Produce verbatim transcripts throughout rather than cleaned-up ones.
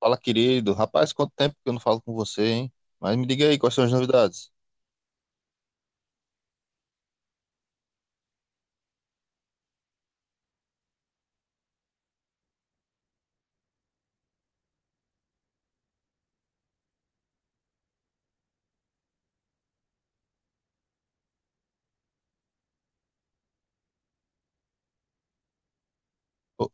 Fala, querido. Rapaz, quanto tempo que eu não falo com você, hein? Mas me diga aí, quais são as novidades? Pô,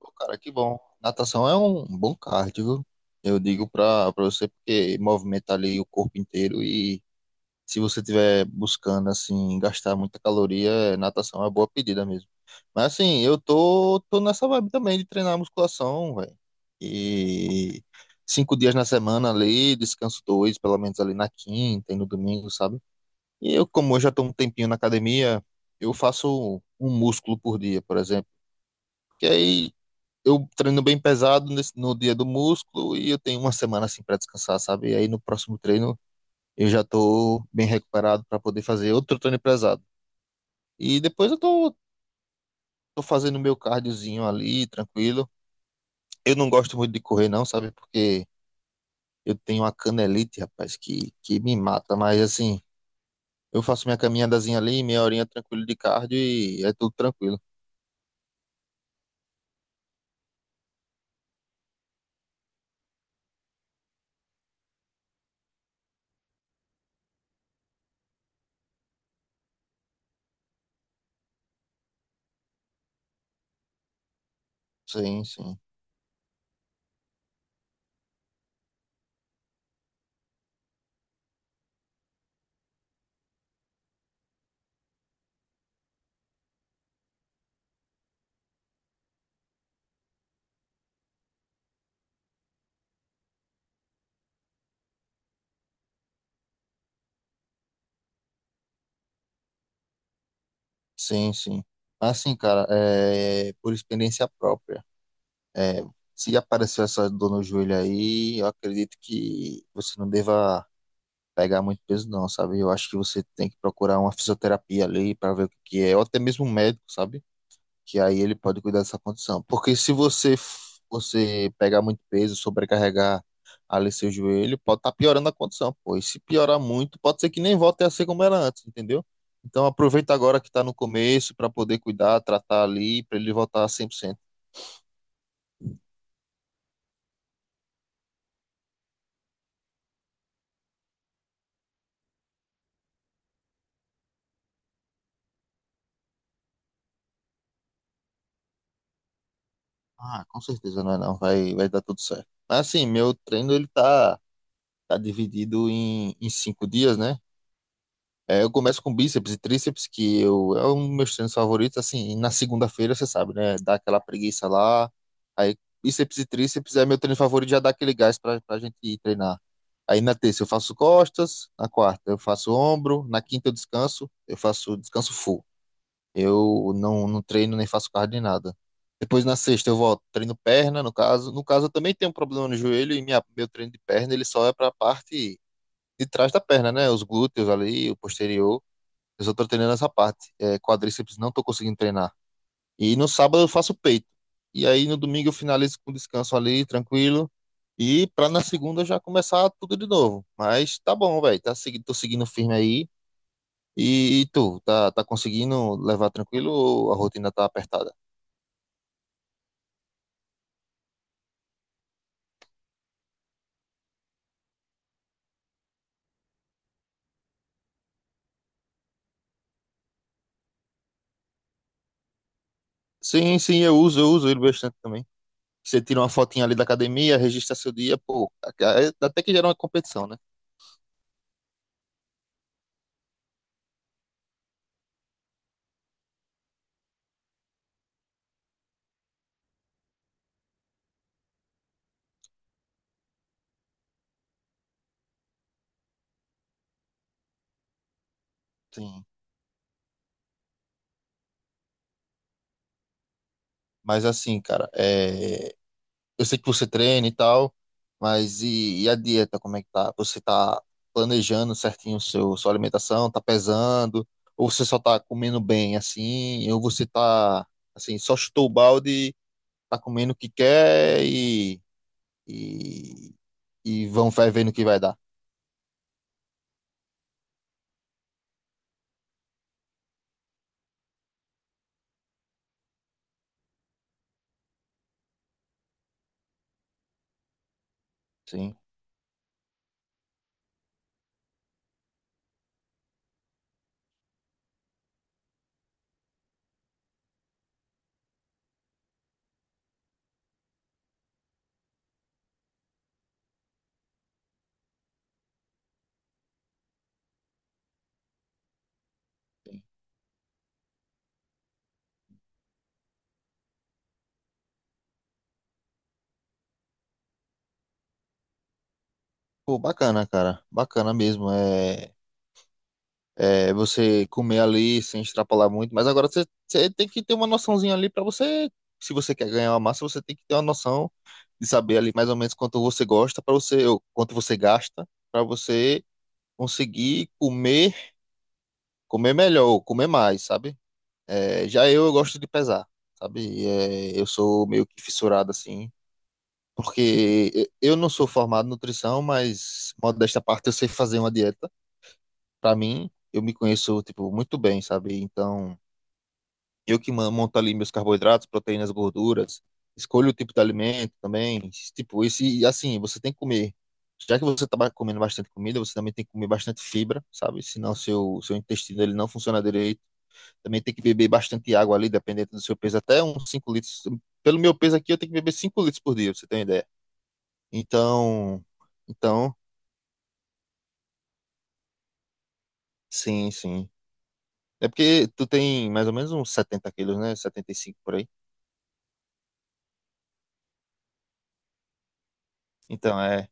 pô, cara, que bom. Natação é um bom cardio, viu? Eu digo pra, pra você porque movimenta ali o corpo inteiro e se você estiver buscando, assim, gastar muita caloria, eh, natação é uma boa pedida mesmo. Mas, assim, eu tô, tô nessa vibe também de treinar musculação, velho. E cinco dias na semana ali, descanso dois, pelo menos ali na quinta e no domingo, sabe? E eu, como eu já estou um tempinho na academia, eu faço um músculo por dia, por exemplo. Que aí eu treino bem pesado nesse- no dia do músculo e eu tenho uma semana assim para descansar, sabe? E aí no próximo treino eu já estou bem recuperado para poder fazer outro treino pesado. E depois eu tô, tô fazendo meu cardiozinho ali, tranquilo. Eu não gosto muito de correr não, sabe? Porque eu tenho uma canelite, rapaz, que, que me mata. Mas assim, eu faço minha caminhadazinha ali, meia horinha tranquilo de cardio e é tudo tranquilo. Sim, sim. Sim, sim. Assim, cara, é por experiência própria. É, se apareceu essa dor no joelho aí, eu acredito que você não deva pegar muito peso, não, sabe? Eu acho que você tem que procurar uma fisioterapia ali para ver o que que é, ou até mesmo um médico, sabe? Que aí ele pode cuidar dessa condição. Porque se você f- você pegar muito peso, sobrecarregar ali seu joelho, pode estar piorando a condição, pô. E se piorar muito, pode ser que nem volte a ser como era antes, entendeu? Então aproveita agora que está no começo para poder cuidar, tratar ali, para ele voltar a cem por cento. Ah, com certeza não é não, vai, vai dar tudo certo. Mas assim, meu treino ele tá, tá dividido em, em cinco dias, né? É, eu começo com bíceps e tríceps, que eu, é um dos meus treinos favoritos, assim, e na segunda-feira, você sabe, né? Dá aquela preguiça lá, aí bíceps e tríceps é meu treino favorito, já dá aquele gás pra, pra gente ir treinar. Aí na terça eu faço costas, na quarta eu faço ombro, na quinta eu descanso, eu faço descanso full. Eu não, não treino nem faço cardio nem nada. Depois na sexta eu volto, treino perna, no caso. No caso eu também tenho um problema no joelho e minha, meu treino de perna ele só é pra parte de trás da perna, né? Os glúteos ali, o posterior. Eu só tô treinando essa parte. É, quadríceps não tô conseguindo treinar. E no sábado eu faço peito. E aí no domingo eu finalizo com descanso ali, tranquilo. E pra na segunda já começar tudo de novo. Mas tá bom, velho. Tá seguindo, tô seguindo firme aí. E, e tu, tá, tá conseguindo levar tranquilo ou a rotina tá apertada? Sim, sim, eu uso, eu uso ele bastante também. Você tira uma fotinha ali da academia, registra seu dia, pô, até que gera uma competição, né? Sim. Mas assim, cara, é, eu sei que você treina e tal, mas e, e a dieta, como é que tá? Você tá planejando certinho o seu, sua alimentação, tá pesando, ou você só tá comendo bem assim, ou você tá assim, só chutou o balde, tá comendo o que quer e, e, e vão vai vendo o que vai dar. Sim. Pô, bacana, cara. Bacana mesmo. É, é você comer ali sem extrapolar muito, mas agora você, você tem que ter uma noçãozinha ali pra você. Se você quer ganhar uma massa, você tem que ter uma noção de saber ali mais ou menos quanto você gosta para você, ou quanto você gasta para você conseguir comer, comer melhor, ou comer mais, sabe? É, já eu, eu gosto de pesar, sabe? É, eu sou meio que fissurado assim, porque e- eu não sou formado em nutrição, mas modo desta parte eu sei fazer uma dieta. Para mim, eu me conheço tipo muito bem, sabe? Então eu que man- monto ali meus carboidratos, proteínas, gorduras, escolho o tipo de alimento também. Tipo, esse, assim, você tem que comer. Já que você está comendo bastante comida, você também tem que comer bastante fibra, sabe? Senão seu, seu intestino ele não funciona direito. Também tem que beber bastante água ali, dependendo do seu peso, até uns cinco litros. Pelo meu peso aqui, eu tenho que beber cinco litros por dia, pra você ter uma ideia. Então, então, sim, sim. É porque tu tem mais ou menos uns setenta quilos, né? Setenta e cinco por aí. Então, é.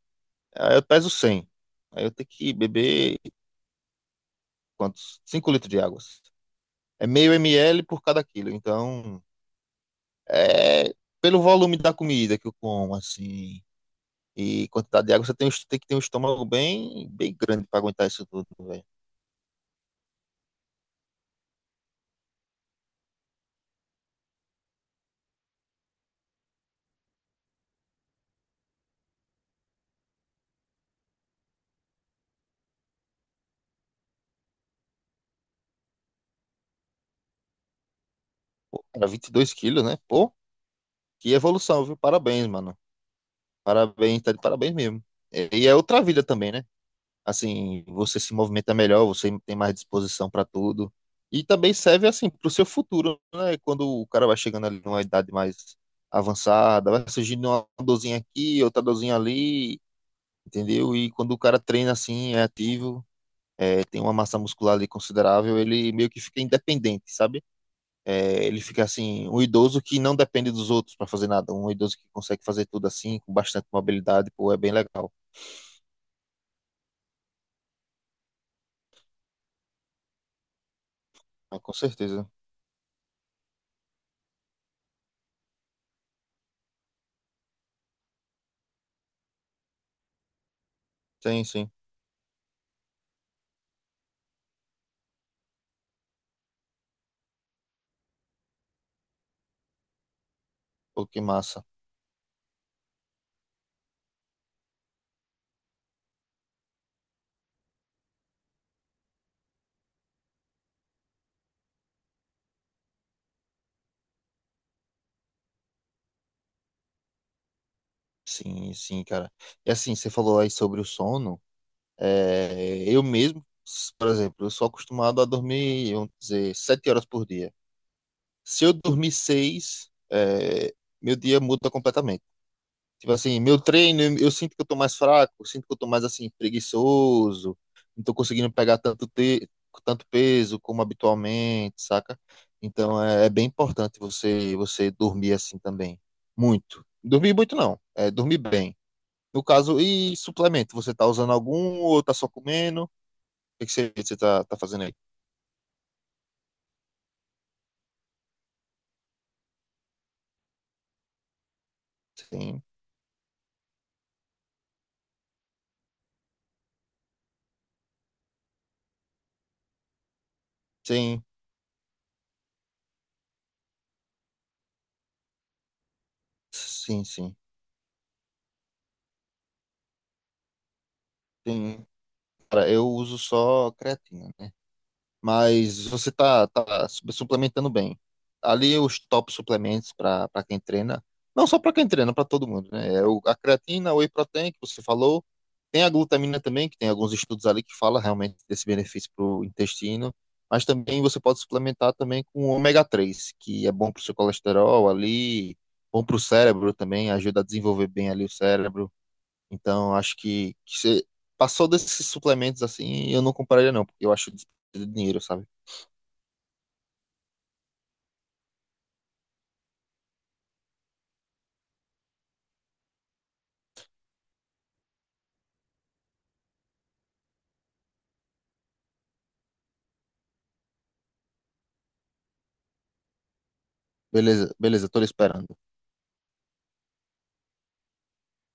Aí eu peso cem, aí eu tenho que beber quantos? Cinco litros de água. É meio ml por cada quilo. Então, é pelo volume da comida que eu como, assim, e quantidade de água, você tem, um- est- tem que ter um estômago bem, bem grande para aguentar isso tudo, velho. Era vinte e dois quilos, né? Pô, que evolução, viu? Parabéns, mano. Parabéns, tá de parabéns mesmo. E e é outra vida também, né? Assim, você se movimenta melhor, você tem mais disposição para tudo. E também serve assim para o seu futuro, né? Quando o cara vai chegando ali numa idade mais avançada, vai surgindo uma dorzinha aqui, outra dorzinha ali, entendeu? E quando o cara treina assim, é ativo, é, tem uma massa muscular ali considerável, ele meio que fica independente, sabe? É, ele fica assim, um idoso que não depende dos outros para fazer nada, um idoso que consegue fazer tudo assim, com bastante mobilidade, pô, é bem legal. Ah, com certeza. Sim, sim. Pô, que massa. Sim, sim, cara. E assim, você falou aí sobre o sono. É, eu mesmo, s- por exemplo, eu sou acostumado a dormir, vamos dizer, sete horas por dia. Se eu dormir seis, é, meu dia muda completamente. Tipo assim, meu treino, eu eu sinto que eu tô mais fraco, eu sinto que eu tô mais assim, preguiçoso, não tô conseguindo pegar tanto, te, tanto peso como habitualmente, saca? Então é, é bem importante você, você dormir assim também. Muito. Dormir muito não, é dormir bem. No caso, e suplemento? Você tá usando algum ou tá só comendo? O que que você, você tá, tá fazendo aí? Sim, sim, sim, sim, sim. Cara, eu uso só creatina, né? Mas você tá, tá su- suplementando bem. Ali os top suplementos para para quem treina, não só para quem treina, para todo mundo, né? É o, a creatina, o whey protein que você falou, tem a glutamina também, que tem alguns estudos ali que fala realmente desse benefício para o intestino, mas também você pode suplementar também com o ômega três que é bom para o seu colesterol ali, bom para o cérebro também, ajuda a desenvolver bem ali o cérebro. Então, acho que, que você passou desses suplementos assim, eu não compraria não, porque eu acho desperdício de dinheiro, sabe? Beleza, beleza, tô lhe esperando.